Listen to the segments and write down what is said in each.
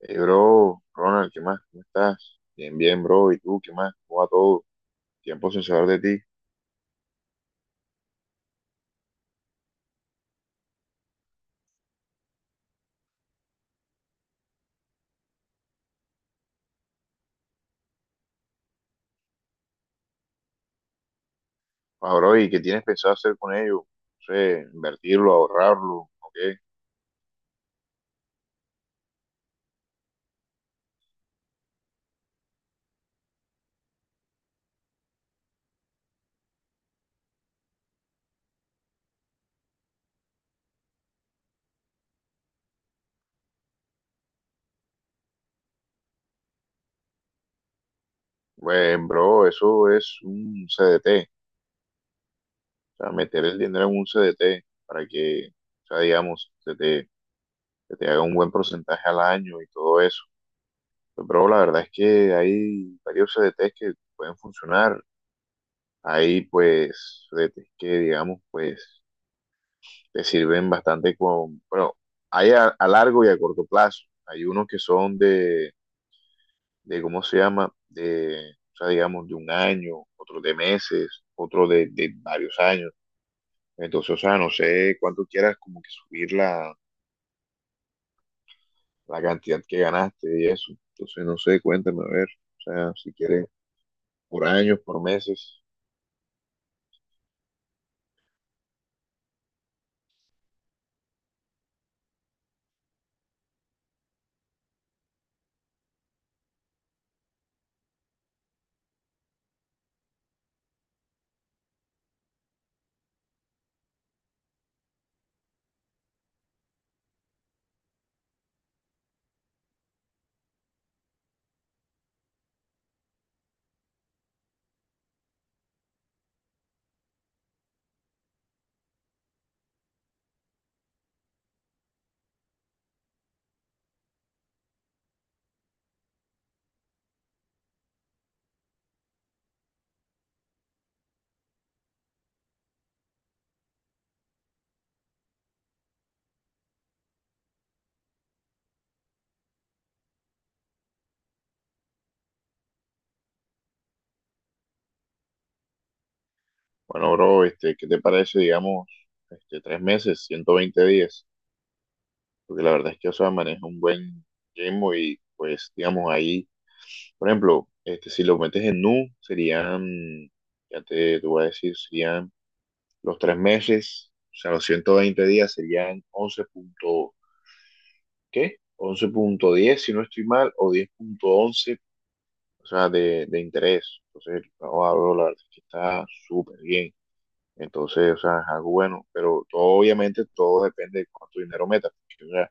Hey, bro, Ronald, ¿qué más? ¿Cómo estás? Bien, bien, bro. ¿Y tú, qué más? ¿Cómo va todo? Tiempo sin saber de ti. Ah, bro, ¿y qué tienes pensado hacer con ello? No sé, invertirlo, ahorrarlo, ¿o qué? Pues, bro, eso es un CDT. O sea, meter el dinero en un CDT para que, o sea, digamos, se te haga un buen porcentaje al año y todo eso. Pues, bro, la verdad es que hay varios CDTs que pueden funcionar. Hay, pues, CDTs que, digamos, pues te sirven bastante con, bueno, hay a largo y a corto plazo. Hay unos que son ¿cómo se llama? De, o sea, digamos, de un año, otros de meses, otros de varios años. Entonces, o sea, no sé cuánto quieras como que subir la cantidad que ganaste y eso. Entonces, no sé, cuéntame, a ver, o sea, si quieres, por años, por meses. Bueno, bro, ¿qué te parece, digamos, 3 meses, 120 días? Porque la verdad es que Osa maneja un buen ritmo y pues digamos ahí, por ejemplo, si lo metes en Nu, serían, ya te voy a decir, serían los 3 meses, o sea, los 120 días serían ¿Qué? 11,10 si no estoy mal, o 10,11, o sea, de interés. Entonces, el trabajo, bro, la verdad es que está súper bien. Entonces, o sea, es algo bueno, pero todo, obviamente todo depende de cuánto dinero metas. Porque, o sea,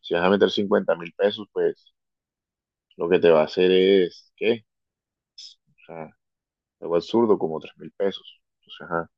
si vas a meter 50.000 pesos, pues lo que te va a hacer es, ¿qué? O sea, algo absurdo, como 3.000 pesos. Entonces, ajá.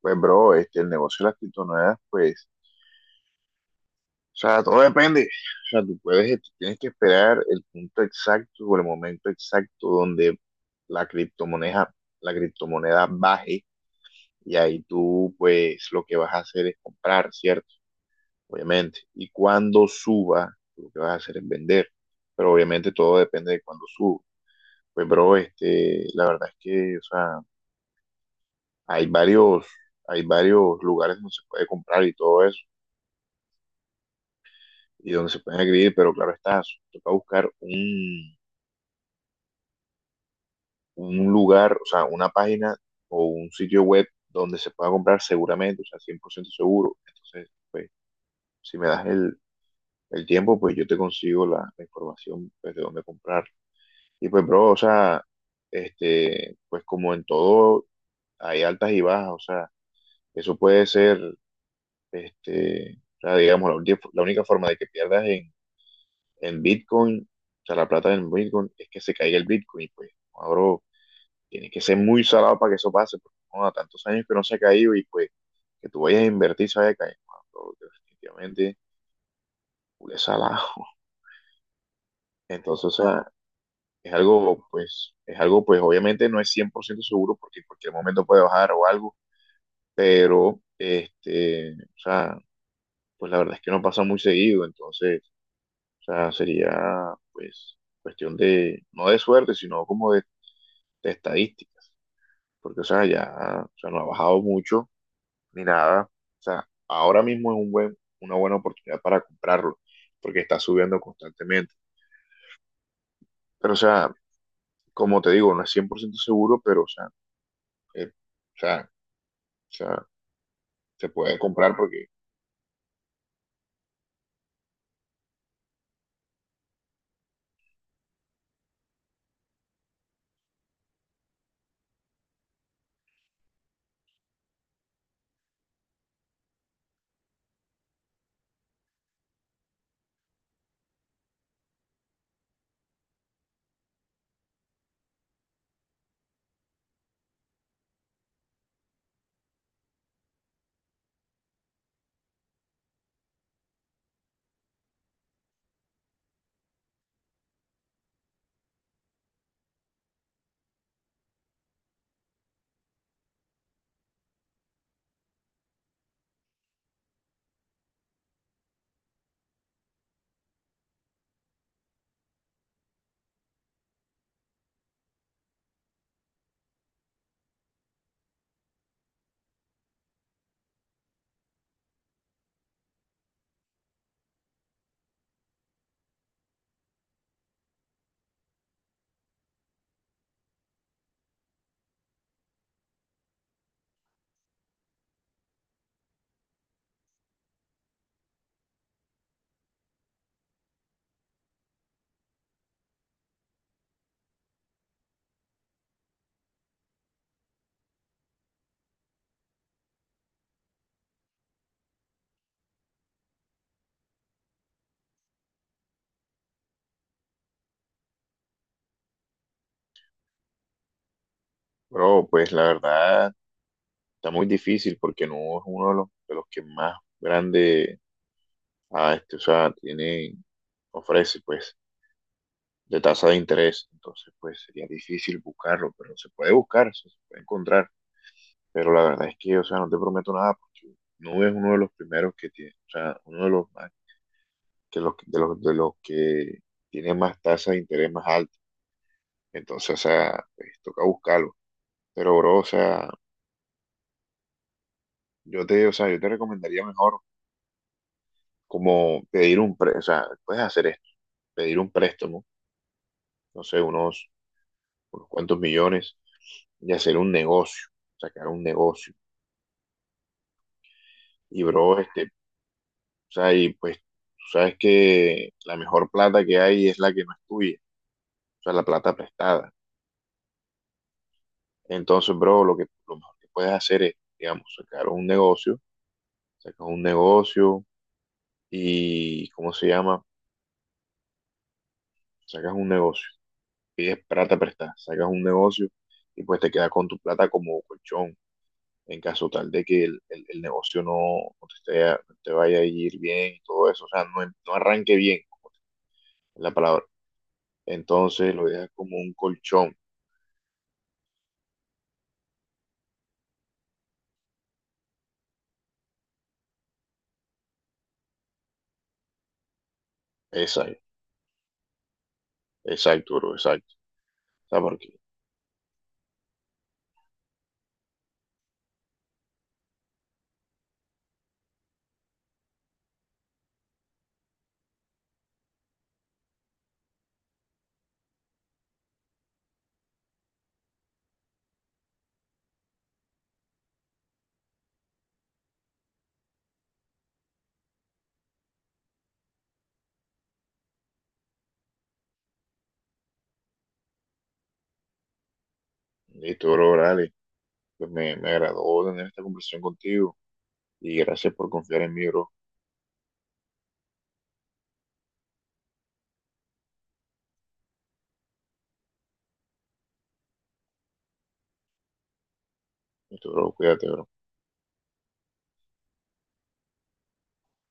Pues, bro, el negocio de las criptomonedas, pues, o sea, todo depende. O sea, tú tienes que esperar el punto exacto o el momento exacto donde la criptomoneda, la criptomoneda baje, y ahí tú, pues, lo que vas a hacer es comprar, ¿cierto? Obviamente. Y cuando suba, lo que vas a hacer es vender. Pero obviamente todo depende de cuando suba. Pues, bro, la verdad es que, o sea, hay varios, hay varios lugares donde se puede comprar y todo eso, y donde se pueden adquirir, pero claro está, toca buscar un lugar, o sea, una página o un sitio web donde se pueda comprar seguramente, o sea, 100% seguro. Entonces, pues, si me das el tiempo, pues yo te consigo la información, pues, de dónde comprar. Y pues, bro, o sea, pues como en todo, hay altas y bajas, o sea, eso puede ser, o sea, digamos, la única forma de que pierdas en, Bitcoin, o sea, la plata en Bitcoin, es que se caiga el Bitcoin. Pues, ahora tiene que ser muy salado para que eso pase, porque bueno, tantos años que no se ha caído y pues que tú vayas a invertir se vaya a caer, mano, bro, definitivamente, es salado. Entonces, o sea, es algo, pues, obviamente no es 100% seguro porque en cualquier momento puede bajar o algo, pero, o sea, pues la verdad es que no pasa muy seguido. Entonces, o sea, sería, pues, cuestión de, no de suerte, sino como de estadísticas, porque, o sea, ya, o sea, no ha bajado mucho ni nada. O sea, ahora mismo es una buena oportunidad para comprarlo, porque está subiendo constantemente. Pero, o sea, como te digo, no es 100% seguro, pero, eh, o sea, o sea, se puede comprar porque, bro, pues la verdad está muy difícil porque no es uno de los, que más grande, o sea, ofrece, pues, de tasa de interés. Entonces, pues sería difícil buscarlo, pero se puede buscar, se puede encontrar. Pero la verdad es que, o sea, no te prometo nada porque Nube es uno de los primeros que tiene, o sea, uno de los más, que los, de los, de los que tiene más tasa de interés más alta. Entonces, o sea, pues toca buscarlo. Pero, bro, o sea, yo te recomendaría mejor como pedir un préstamo, o sea, puedes hacer esto, pedir un préstamo, no sé, unos cuantos millones y hacer un negocio, sacar un negocio. Y, bro, o sea, y pues tú sabes que la mejor plata que hay es la que no es tuya, o sea, la plata prestada. Entonces, bro, lo mejor que puedes hacer es, digamos, sacar un negocio, sacas un negocio y, ¿cómo se llama? Sacas un negocio, pides plata prestada, sacas un negocio, y pues te quedas con tu plata como colchón en caso tal de que el negocio no, no te, no te vaya a ir bien y todo eso, o sea, no arranque bien, es la palabra. Entonces lo dejas como un colchón, esa, exacto, bro, exacto. ¿Sabes por qué? Listo, bro, dale. Pues me agradó tener esta conversación contigo y gracias por confiar en mí, bro. Listo, bro, cuídate, bro.